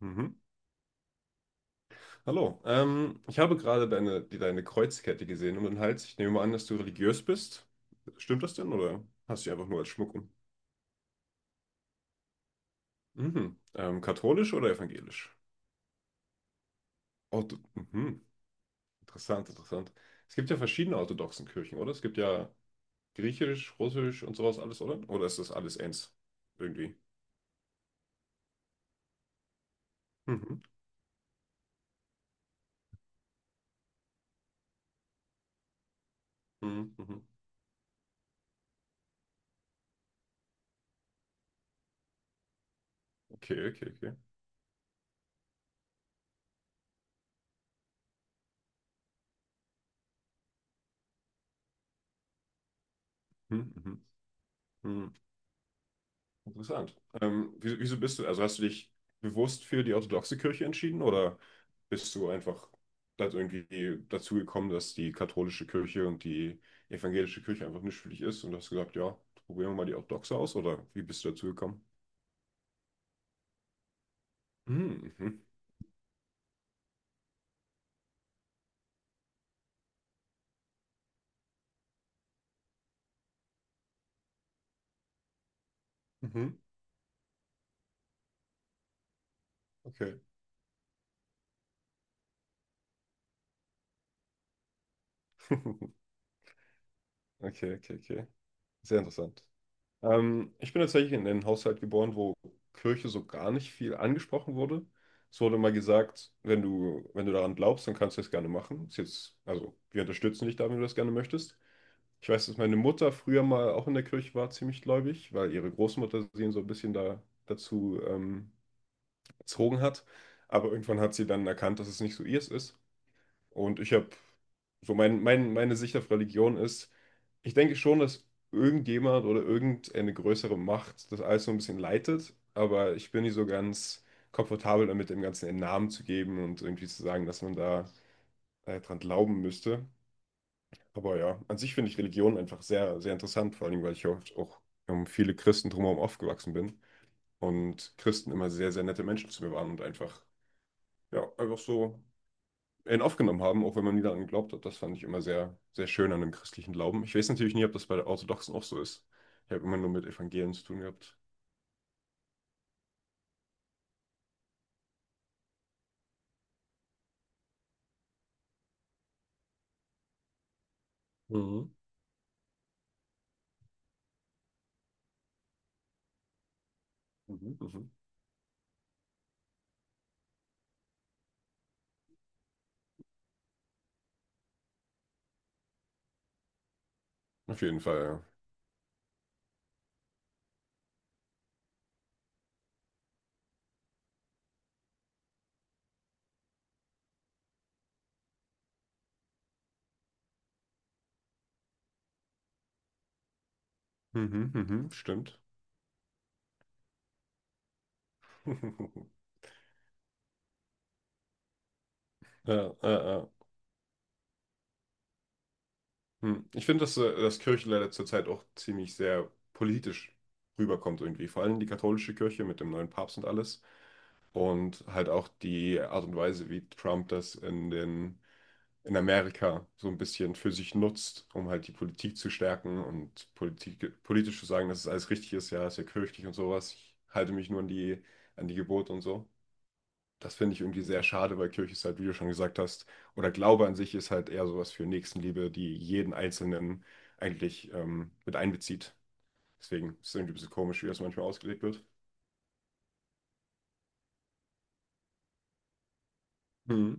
Mhm. Hallo, ich habe gerade deine Kreuzkette gesehen um den Hals. Ich nehme mal an, dass du religiös bist. Stimmt das denn oder hast du die einfach nur als Schmuck um? Mhm. Katholisch oder evangelisch? Ortho mhm. Interessant, interessant. Es gibt ja verschiedene orthodoxen Kirchen, oder? Es gibt ja griechisch, russisch und sowas alles, oder? Oder ist das alles eins? Irgendwie. Mhm. Mhm. Mhm. Okay, okay, okay. Mhm. Mhm. Mhm. Interessant. Wieso bist du, also hast du dich bewusst für die orthodoxe Kirche entschieden oder bist du einfach dazu gekommen, dass die katholische Kirche und die evangelische Kirche einfach nicht für dich ist und hast gesagt, ja, probieren wir mal die orthodoxe aus oder wie bist du dazu gekommen? Hm, mhm. Mhm. Okay. Okay, okay, okay. Sehr interessant. Ich bin tatsächlich in einen Haushalt geboren, wo Kirche so gar nicht viel angesprochen wurde. Es wurde mal gesagt, wenn du daran glaubst, dann kannst du das gerne machen. Ist jetzt, also wir unterstützen dich da, wenn du das gerne möchtest. Ich weiß, dass meine Mutter früher mal auch in der Kirche war, ziemlich gläubig, weil ihre Großmutter sie so ein bisschen dazu erzogen hat. Aber irgendwann hat sie dann erkannt, dass es nicht so ihrs ist. Und ich habe so meine Sicht auf Religion ist, ich denke schon, dass irgendjemand oder irgendeine größere Macht das alles so ein bisschen leitet, aber ich bin nicht so ganz komfortabel damit, dem Ganzen einen Namen zu geben und irgendwie zu sagen, dass man da dran glauben müsste. Aber ja, an sich finde ich Religion einfach sehr, sehr interessant, vor allem, weil ich oft auch um viele Christen drumherum aufgewachsen bin und Christen immer sehr, sehr nette Menschen zu mir waren und einfach so in aufgenommen haben, auch wenn man nie daran geglaubt hat. Das fand ich immer sehr, sehr schön an dem christlichen Glauben. Ich weiß natürlich nie, ob das bei der Orthodoxen auch so ist. Ich habe immer nur mit Evangelien zu tun gehabt. Mhm. Mhm. Mhm. Auf jeden Fall, ja. Mhm, mhm, stimmt. Ja, ja. Hm. Ich finde, dass Kirche leider zurzeit auch ziemlich sehr politisch rüberkommt irgendwie. Vor allem die katholische Kirche mit dem neuen Papst und alles. Und halt auch die Art und Weise, wie Trump das in Amerika so ein bisschen für sich nutzt, um halt die Politik zu stärken und politisch zu sagen, dass es alles richtig ist ja kirchlich und sowas. Ich halte mich nur an die Gebote und so. Das finde ich irgendwie sehr schade, weil Kirche ist halt, wie du schon gesagt hast, oder Glaube an sich ist halt eher sowas für Nächstenliebe, die jeden Einzelnen eigentlich mit einbezieht. Deswegen ist es irgendwie ein bisschen komisch, wie das manchmal ausgelegt wird. Hm,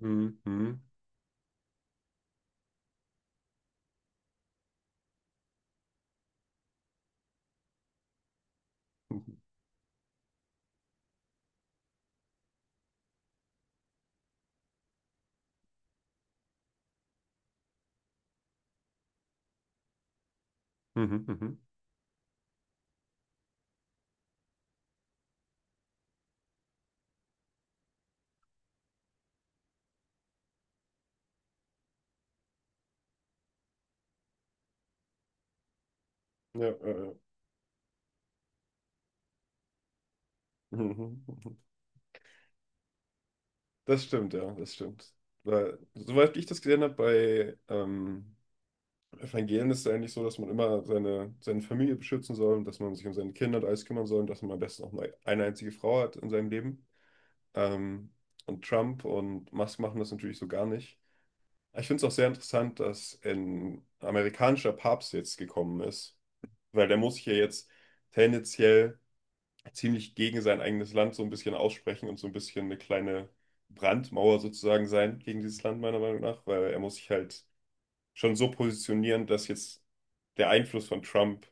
hm, hm. Mhm, mhm. Ja, äh, mhm. Das stimmt, ja, das stimmt. Weil, soweit ich das gesehen habe, bei Evangelien ist es eigentlich so, dass man immer seine Familie beschützen soll und dass man sich um seine Kinder und alles kümmern soll und dass man am besten auch nur eine einzige Frau hat in seinem Leben. Ähm, und Trump und Musk machen das natürlich so gar nicht. Ich finde es auch sehr interessant, dass ein amerikanischer Papst jetzt gekommen ist, weil der muss sich ja jetzt tendenziell ziemlich gegen sein eigenes Land so ein bisschen aussprechen und so ein bisschen eine kleine Brandmauer sozusagen sein gegen dieses Land, meiner Meinung nach, weil er muss sich halt schon so positionieren, dass jetzt der Einfluss von Trump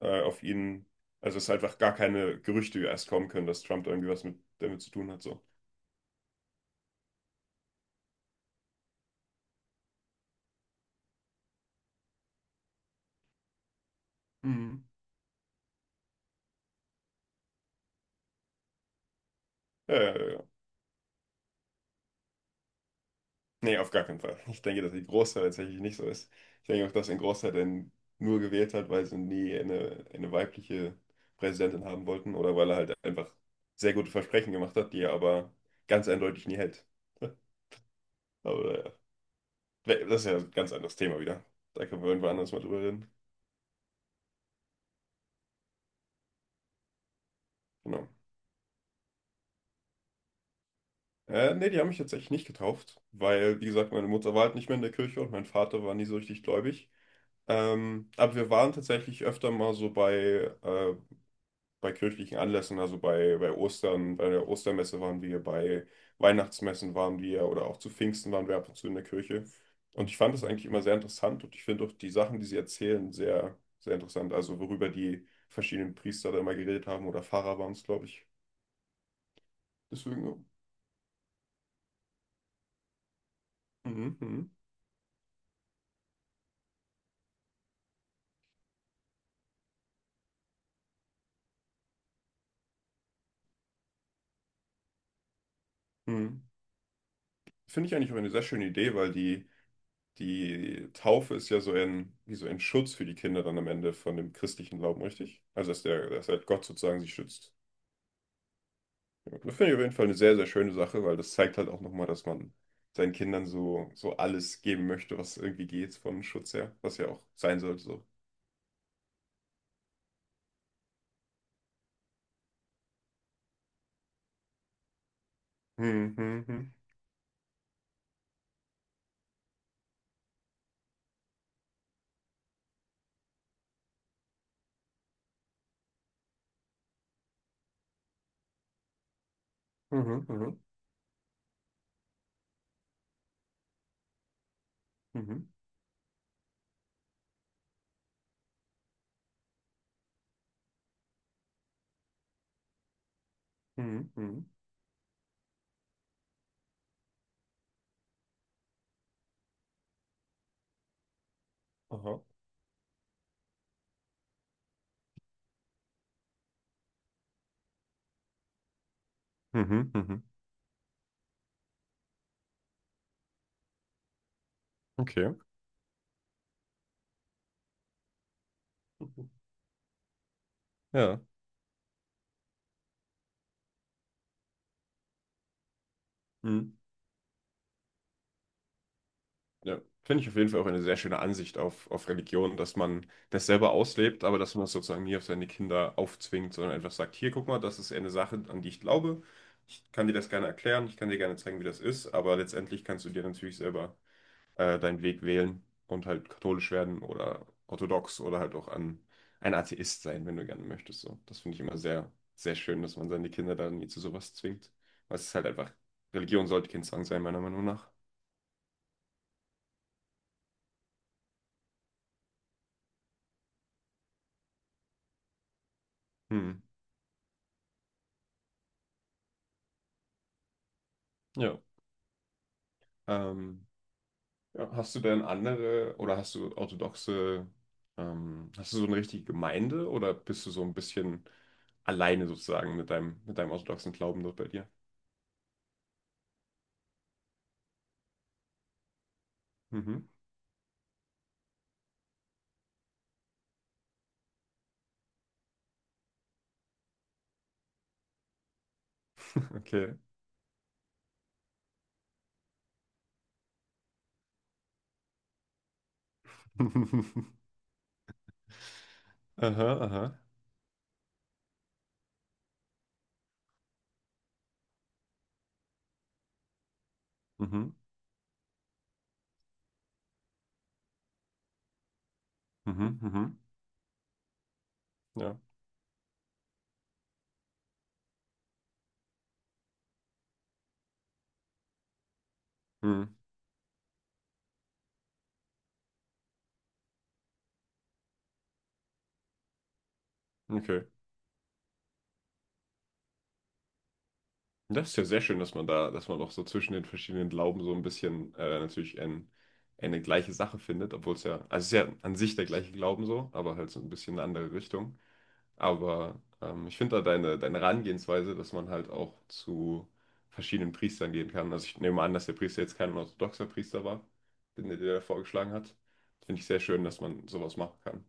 auf ihn, also es einfach gar keine Gerüchte erst kommen können, dass Trump irgendwie was damit zu tun hat, so. Mhm. Ja, ja, ja. Nee, auf gar keinen Fall. Ich denke, dass die Großteil tatsächlich nicht so ist. Ich denke auch, dass ein Großteil denn nur gewählt hat, weil sie nie eine weibliche Präsidentin haben wollten oder weil er halt einfach sehr gute Versprechen gemacht hat, die er aber ganz eindeutig nie hält. Aber ja, das ist ja ein ganz anderes Thema wieder. Da können wir irgendwann anders mal drüber reden. Genau. Nee, die haben mich tatsächlich nicht getauft, weil, wie gesagt, meine Mutter war halt nicht mehr in der Kirche und mein Vater war nie so richtig gläubig. Aber wir waren tatsächlich öfter mal so bei äh, bei kirchlichen Anlässen, also bei Ostern, bei der Ostermesse waren wir, bei Weihnachtsmessen waren wir oder auch zu Pfingsten waren wir ab und zu in der Kirche. Und ich fand das eigentlich immer sehr interessant und ich finde auch die Sachen, die sie erzählen, sehr, sehr interessant. Also worüber die verschiedenen Priester da immer geredet haben oder Pfarrer waren es, glaube ich. Deswegen, mhm, mhm, mhm. Finde ich eigentlich auch eine sehr schöne Idee, weil die Taufe ist ja so ein, wie so ein Schutz für die Kinder dann am Ende von dem christlichen Glauben, richtig? Also dass dass halt Gott sozusagen sie schützt. Das finde ich auf jeden Fall eine sehr, sehr schöne Sache, weil das zeigt halt auch nochmal, dass man seinen Kindern so, so alles geben möchte, was irgendwie geht von Schutz her, was ja auch sein sollte so. Mhm, mhm, mhm, mhm, mhm, mhm, mhm, mhm, aha. Mhm, mhm. Okay. Mhm. Ja. Mhm. Ja, finde ich auf jeden Fall auch eine sehr schöne Ansicht auf Religion, dass man das selber auslebt, aber dass man das sozusagen nie auf seine Kinder aufzwingt, sondern einfach sagt, hier, guck mal, das ist eine Sache, an die ich glaube. Ich kann dir das gerne erklären, ich kann dir gerne zeigen, wie das ist, aber letztendlich kannst du dir natürlich selber deinen Weg wählen und halt katholisch werden oder orthodox oder halt auch ein Atheist sein, wenn du gerne möchtest. So. Das finde ich immer sehr, sehr schön, dass man seine Kinder da nie zu sowas zwingt. Weil es ist halt einfach, Religion sollte kein Zwang sein, meiner Meinung nach. Hm. Ja. Ähm, Ja, hast du denn andere oder hast du orthodoxe, hast du so eine richtige Gemeinde oder bist du so ein bisschen alleine sozusagen mit deinem orthodoxen Glauben dort bei dir? Mhm, okay. Aha, aha. Mhm, mhm, mhm. Ja. Mhm, okay. Das ist ja sehr schön, dass man da, dass man auch so zwischen den verschiedenen Glauben so ein bisschen natürlich eine gleiche Sache findet, obwohl es ja, also es ist ja an sich der gleiche Glauben so, aber halt so ein bisschen eine andere Richtung. Aber ich finde da deine Herangehensweise, dass man halt auch zu verschiedenen Priestern gehen kann. Also ich nehme an, dass der Priester jetzt kein orthodoxer Priester war, den der dir da vorgeschlagen hat. Finde ich sehr schön, dass man sowas machen kann.